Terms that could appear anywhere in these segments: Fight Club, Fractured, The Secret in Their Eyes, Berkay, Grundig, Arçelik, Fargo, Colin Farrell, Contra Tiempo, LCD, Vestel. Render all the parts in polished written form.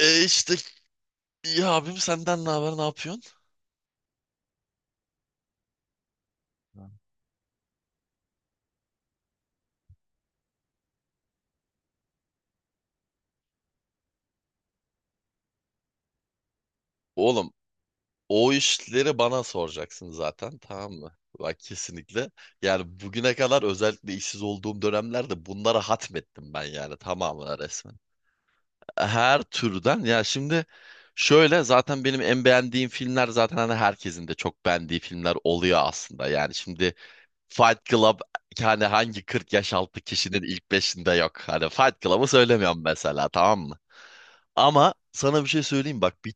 E işte ya abim senden ne haber ne yapıyorsun? Oğlum o işleri bana soracaksın zaten tamam mı? Bak kesinlikle. Yani bugüne kadar özellikle işsiz olduğum dönemlerde bunlara hatmettim ben yani tamamına resmen. Her türden ya şimdi şöyle zaten benim en beğendiğim filmler zaten hani herkesin de çok beğendiği filmler oluyor aslında. Yani şimdi Fight Club hani hangi 40 yaş altı kişinin ilk beşinde yok. Hani Fight Club'ı söylemiyorum mesela tamam mı? Ama sana bir şey söyleyeyim bak.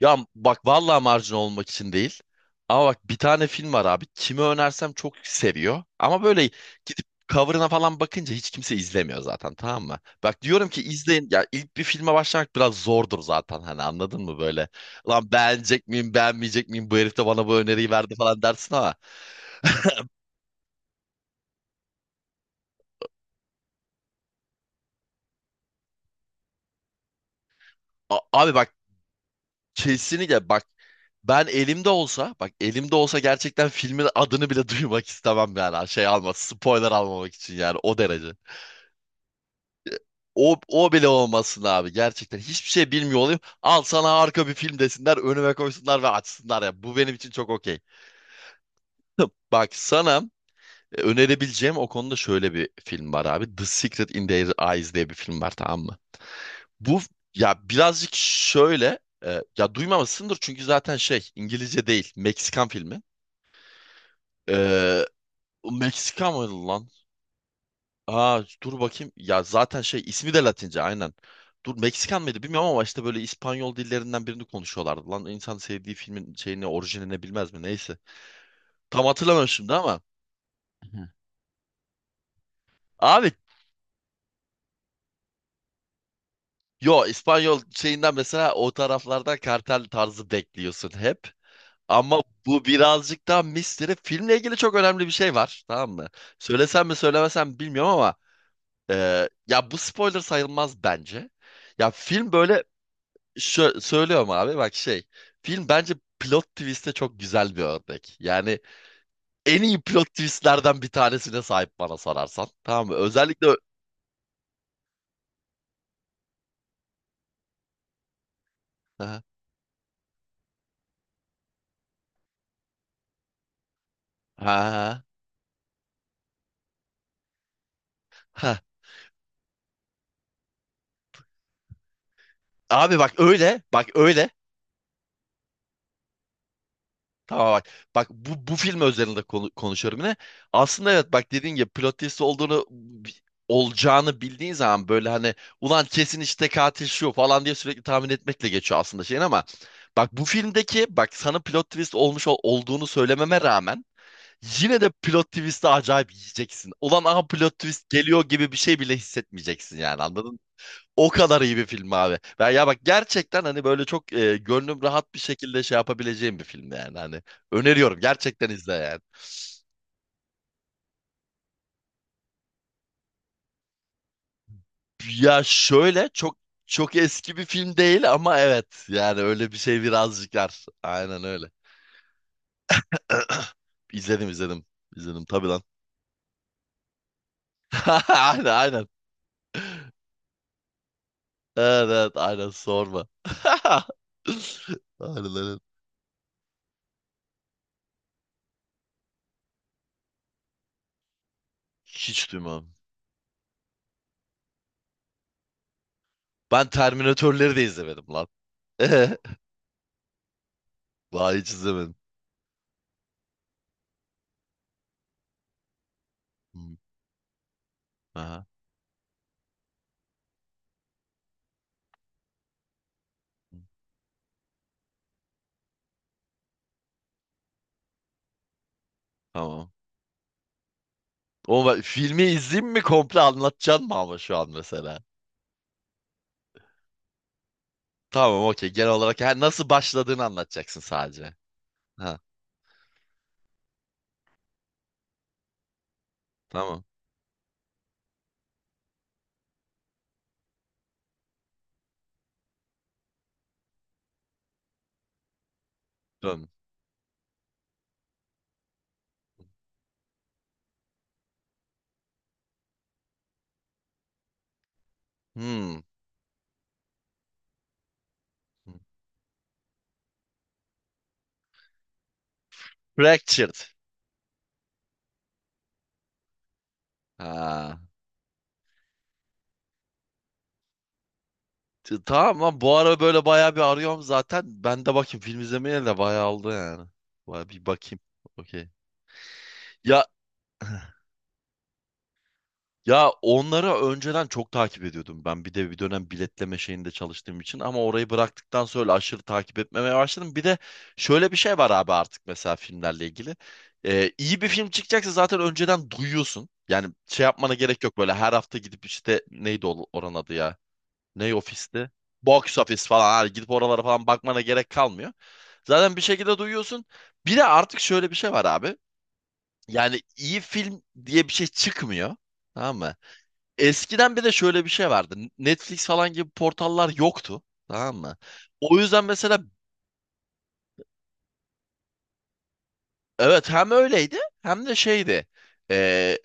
Ya bak vallahi marjinal olmak için değil. Ama bak bir tane film var abi. Kime önersem çok seviyor. Ama böyle gidip cover'ına falan bakınca hiç kimse izlemiyor zaten tamam mı? Bak diyorum ki izleyin. Ya ilk bir filme başlamak biraz zordur zaten hani anladın mı böyle? Lan beğenecek miyim beğenmeyecek miyim bu herif de bana bu öneriyi verdi falan dersin ama. Abi bak. Kesinlikle bak ben elimde olsa bak elimde olsa gerçekten filmin adını bile duymak istemem yani şey alma spoiler almamak için yani o derece. O bile olmasın abi gerçekten hiçbir şey bilmiyor olayım al sana harika bir film desinler önüme koysunlar ve açsınlar ya bu benim için çok okey. Bak sana önerebileceğim o konuda şöyle bir film var abi. The Secret in Their Eyes diye bir film var tamam mı? Bu ya birazcık şöyle ya duymamışsındır çünkü zaten şey İngilizce değil Meksikan filmi. Ee, Meksika mıydı lan? Aa dur bakayım. Ya zaten şey ismi de Latince aynen. Dur Meksikan mıydı bilmiyorum ama işte böyle İspanyol dillerinden birini konuşuyorlardı. Lan insan sevdiği filmin şeyini orijinini bilmez mi? Neyse. Tam hatırlamıyorum şimdi ama. Hı. Abi yo İspanyol şeyinden mesela o taraflarda kartel tarzı bekliyorsun hep. Ama bu birazcık daha misteri. Filmle ilgili çok önemli bir şey var. Tamam mı? Söylesem mi söylemesem mi bilmiyorum ama ya bu spoiler sayılmaz bence. Ya film böyle söylüyorum abi bak şey. Film bence plot twist'e çok güzel bir örnek. Yani en iyi plot twist'lerden bir tanesine sahip bana sorarsan. Tamam mı? Özellikle ha ha ha. Abi bak öyle, bak öyle. Tamam bak. Bak bu film özelinde konuşuyorum yine. Aslında evet bak dediğin gibi plot twist olduğunu olacağını bildiğin zaman böyle hani ulan kesin işte katil şu falan diye sürekli tahmin etmekle geçiyor aslında şeyin ama bak bu filmdeki bak sana plot twist olmuş olduğunu söylememe rağmen yine de plot twist'i acayip yiyeceksin. Ulan aha plot twist geliyor gibi bir şey bile hissetmeyeceksin yani anladın o kadar iyi bir film abi. Ben ya bak gerçekten hani böyle çok gönlüm rahat bir şekilde şey yapabileceğim bir film yani hani öneriyorum gerçekten izle yani. Ya şöyle çok çok eski bir film değil ama evet yani öyle bir şey birazcık var. Aynen öyle. İzledim izledim. İzledim tabii lan. Aynen aynen. Evet evet aynen sorma. Aynen aynen. Hiç duymam. Ben Terminatörleri de izlemedim lan. Vay hiç izlemedim. Hı, aha, tamam. O filmi izleyeyim mi komple anlatacaksın mı ama şu an mesela? Tamam okey genel olarak ha, nasıl başladığını anlatacaksın sadece. Ha tamam. Dön. Hmm. Fractured. Ha. Tamam lan bu ara böyle bayağı bir arıyorum zaten. Ben de bakayım film izlemeye de bayağı oldu yani. Bayağı bir bakayım. Okey. Ya ya onları önceden çok takip ediyordum ben. Bir de bir dönem biletleme şeyinde çalıştığım için ama orayı bıraktıktan sonra aşırı takip etmemeye başladım. Bir de şöyle bir şey var abi artık mesela filmlerle ilgili. İyi bir film çıkacaksa zaten önceden duyuyorsun. Yani şey yapmana gerek yok böyle her hafta gidip işte neydi oranın adı ya? Ney ofisti? Box office falan hani gidip oralara falan bakmana gerek kalmıyor. Zaten bir şekilde duyuyorsun. Bir de artık şöyle bir şey var abi. Yani iyi film diye bir şey çıkmıyor. Tamam mı? Eskiden bir de şöyle bir şey vardı. Netflix falan gibi portallar yoktu. Tamam mı? O yüzden mesela evet hem öyleydi hem de şeydi. Ee,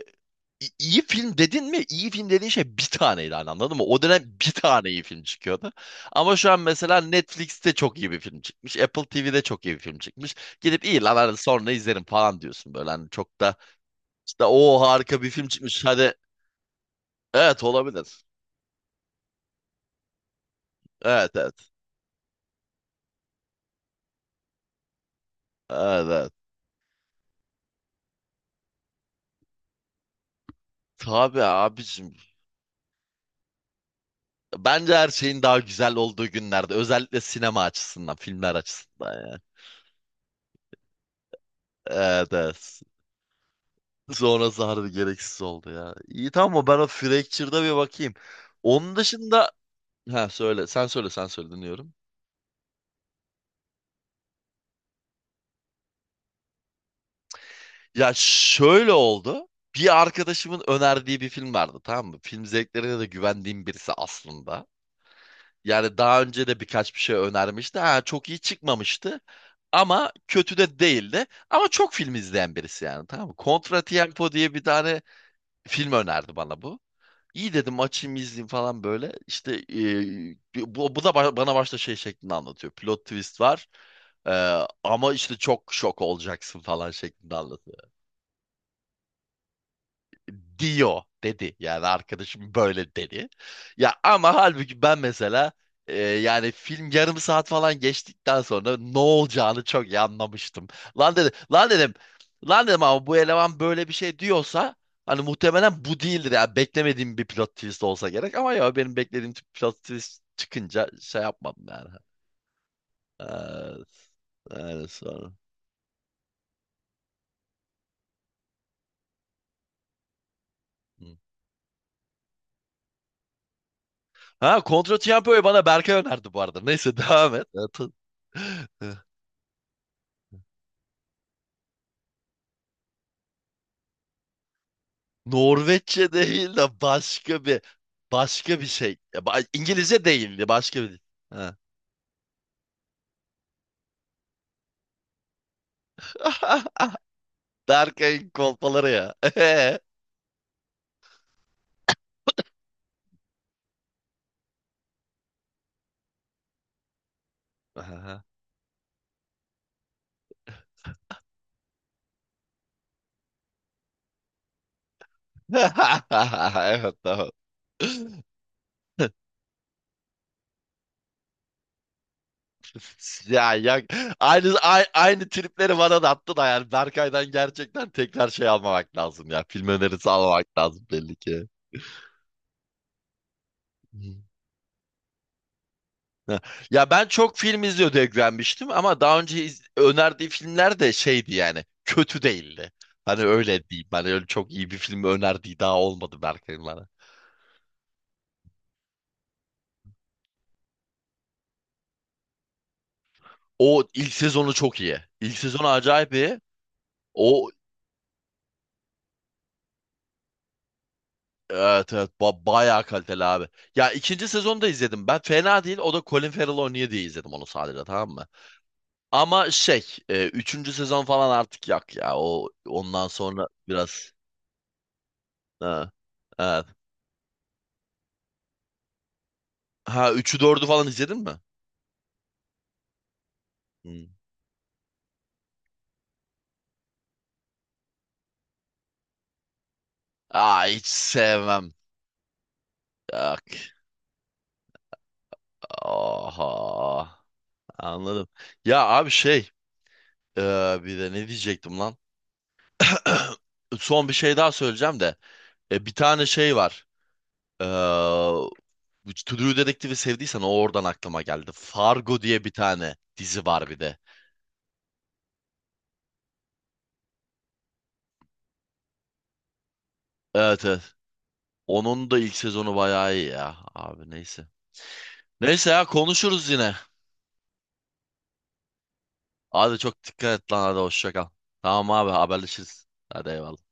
iyi film dedin mi? İyi film dediğin şey bir taneydi hani anladın mı? O dönem bir tane iyi film çıkıyordu. Ama şu an mesela Netflix'te çok iyi bir film çıkmış. Apple TV'de çok iyi bir film çıkmış. Gidip iyi lan hadi sonra izlerim falan diyorsun böyle. Hani çok da işte o harika bir film çıkmış. Hadi evet olabilir. Evet evet. Evet evet. Tabii abicim. Bence her şeyin daha güzel olduğu günlerde. Özellikle sinema açısından, filmler açısından ya. Evet, evet. Sonrası harbi gereksiz oldu ya. İyi tamam mı? Ben o Fractured'a bir bakayım. Onun dışında... Ha söyle, sen söyle, sen söyle dinliyorum. Ya şöyle oldu. Bir arkadaşımın önerdiği bir film vardı tamam mı? Film zevklerine de güvendiğim birisi aslında. Yani daha önce de birkaç bir şey önermişti. Ha, çok iyi çıkmamıştı. Ama kötü de değildi. Ama çok film izleyen birisi yani tamam mı? Contra Tiempo diye bir tane film önerdi bana bu. İyi dedim açayım izleyeyim falan böyle. İşte bu da bana başta şey şeklinde anlatıyor. Plot twist var. E, ama işte çok şok olacaksın falan şeklinde anlatıyor, diyor dedi. Yani arkadaşım böyle dedi. Ya ama halbuki ben mesela yani film yarım saat falan geçtikten sonra ne olacağını çok iyi anlamıştım. Lan dedim, lan dedim, lan dedim ama bu eleman böyle bir şey diyorsa hani muhtemelen bu değildir ya. Beklemediğim bir plot twist olsa gerek ama ya benim beklediğim tip plot twist çıkınca şey yapmadım yani. Evet, öyle sonra. Hı. Ha Contra Tiempo'yu bana Berkay önerdi bu arada. Neyse devam et. Evet. Norveççe değil de başka bir şey. Ya, İngilizce değildi başka bir. Ha. Berkay'ın kolpaları ya. Aha. Evet tamam. Ya aynı tripleri bana da attı da yani Berkay'dan gerçekten tekrar şey almamak lazım ya. Film önerisi almamak lazım belli ki. Ha. Ya ben çok film izliyordu eklenmiştim ama daha önce önerdiği filmler de şeydi yani kötü değildi. Hani öyle diyeyim. Hani öyle çok iyi bir film önerdiği daha olmadı Berkay'ın bana. O ilk sezonu çok iyi. İlk sezonu acayip iyi. O evet evet bayağı kaliteli abi. Ya ikinci sezonu da izledim ben. Fena değil. O da Colin Farrell oynuyor diye izledim onu sadece tamam mı? Ama şey üçüncü sezon falan artık yak ya. O ondan sonra biraz ha, evet. Ha üçü dördü falan izledin mi? Hı. Aa hiç sevmem. Yok. Oha. Anladım. Ya abi şey e, bir de ne diyecektim lan? Son bir şey daha söyleyeceğim de. Bir tane şey var. E, bu To Do Detective'i sevdiysen o oradan aklıma geldi. Fargo diye bir tane dizi var bir de. Evet evet. Onun da ilk sezonu bayağı iyi ya. Abi neyse. Neyse ya konuşuruz yine. Hadi çok dikkat et lan hadi hoşça kal. Tamam abi haberleşiriz. Hadi eyvallah.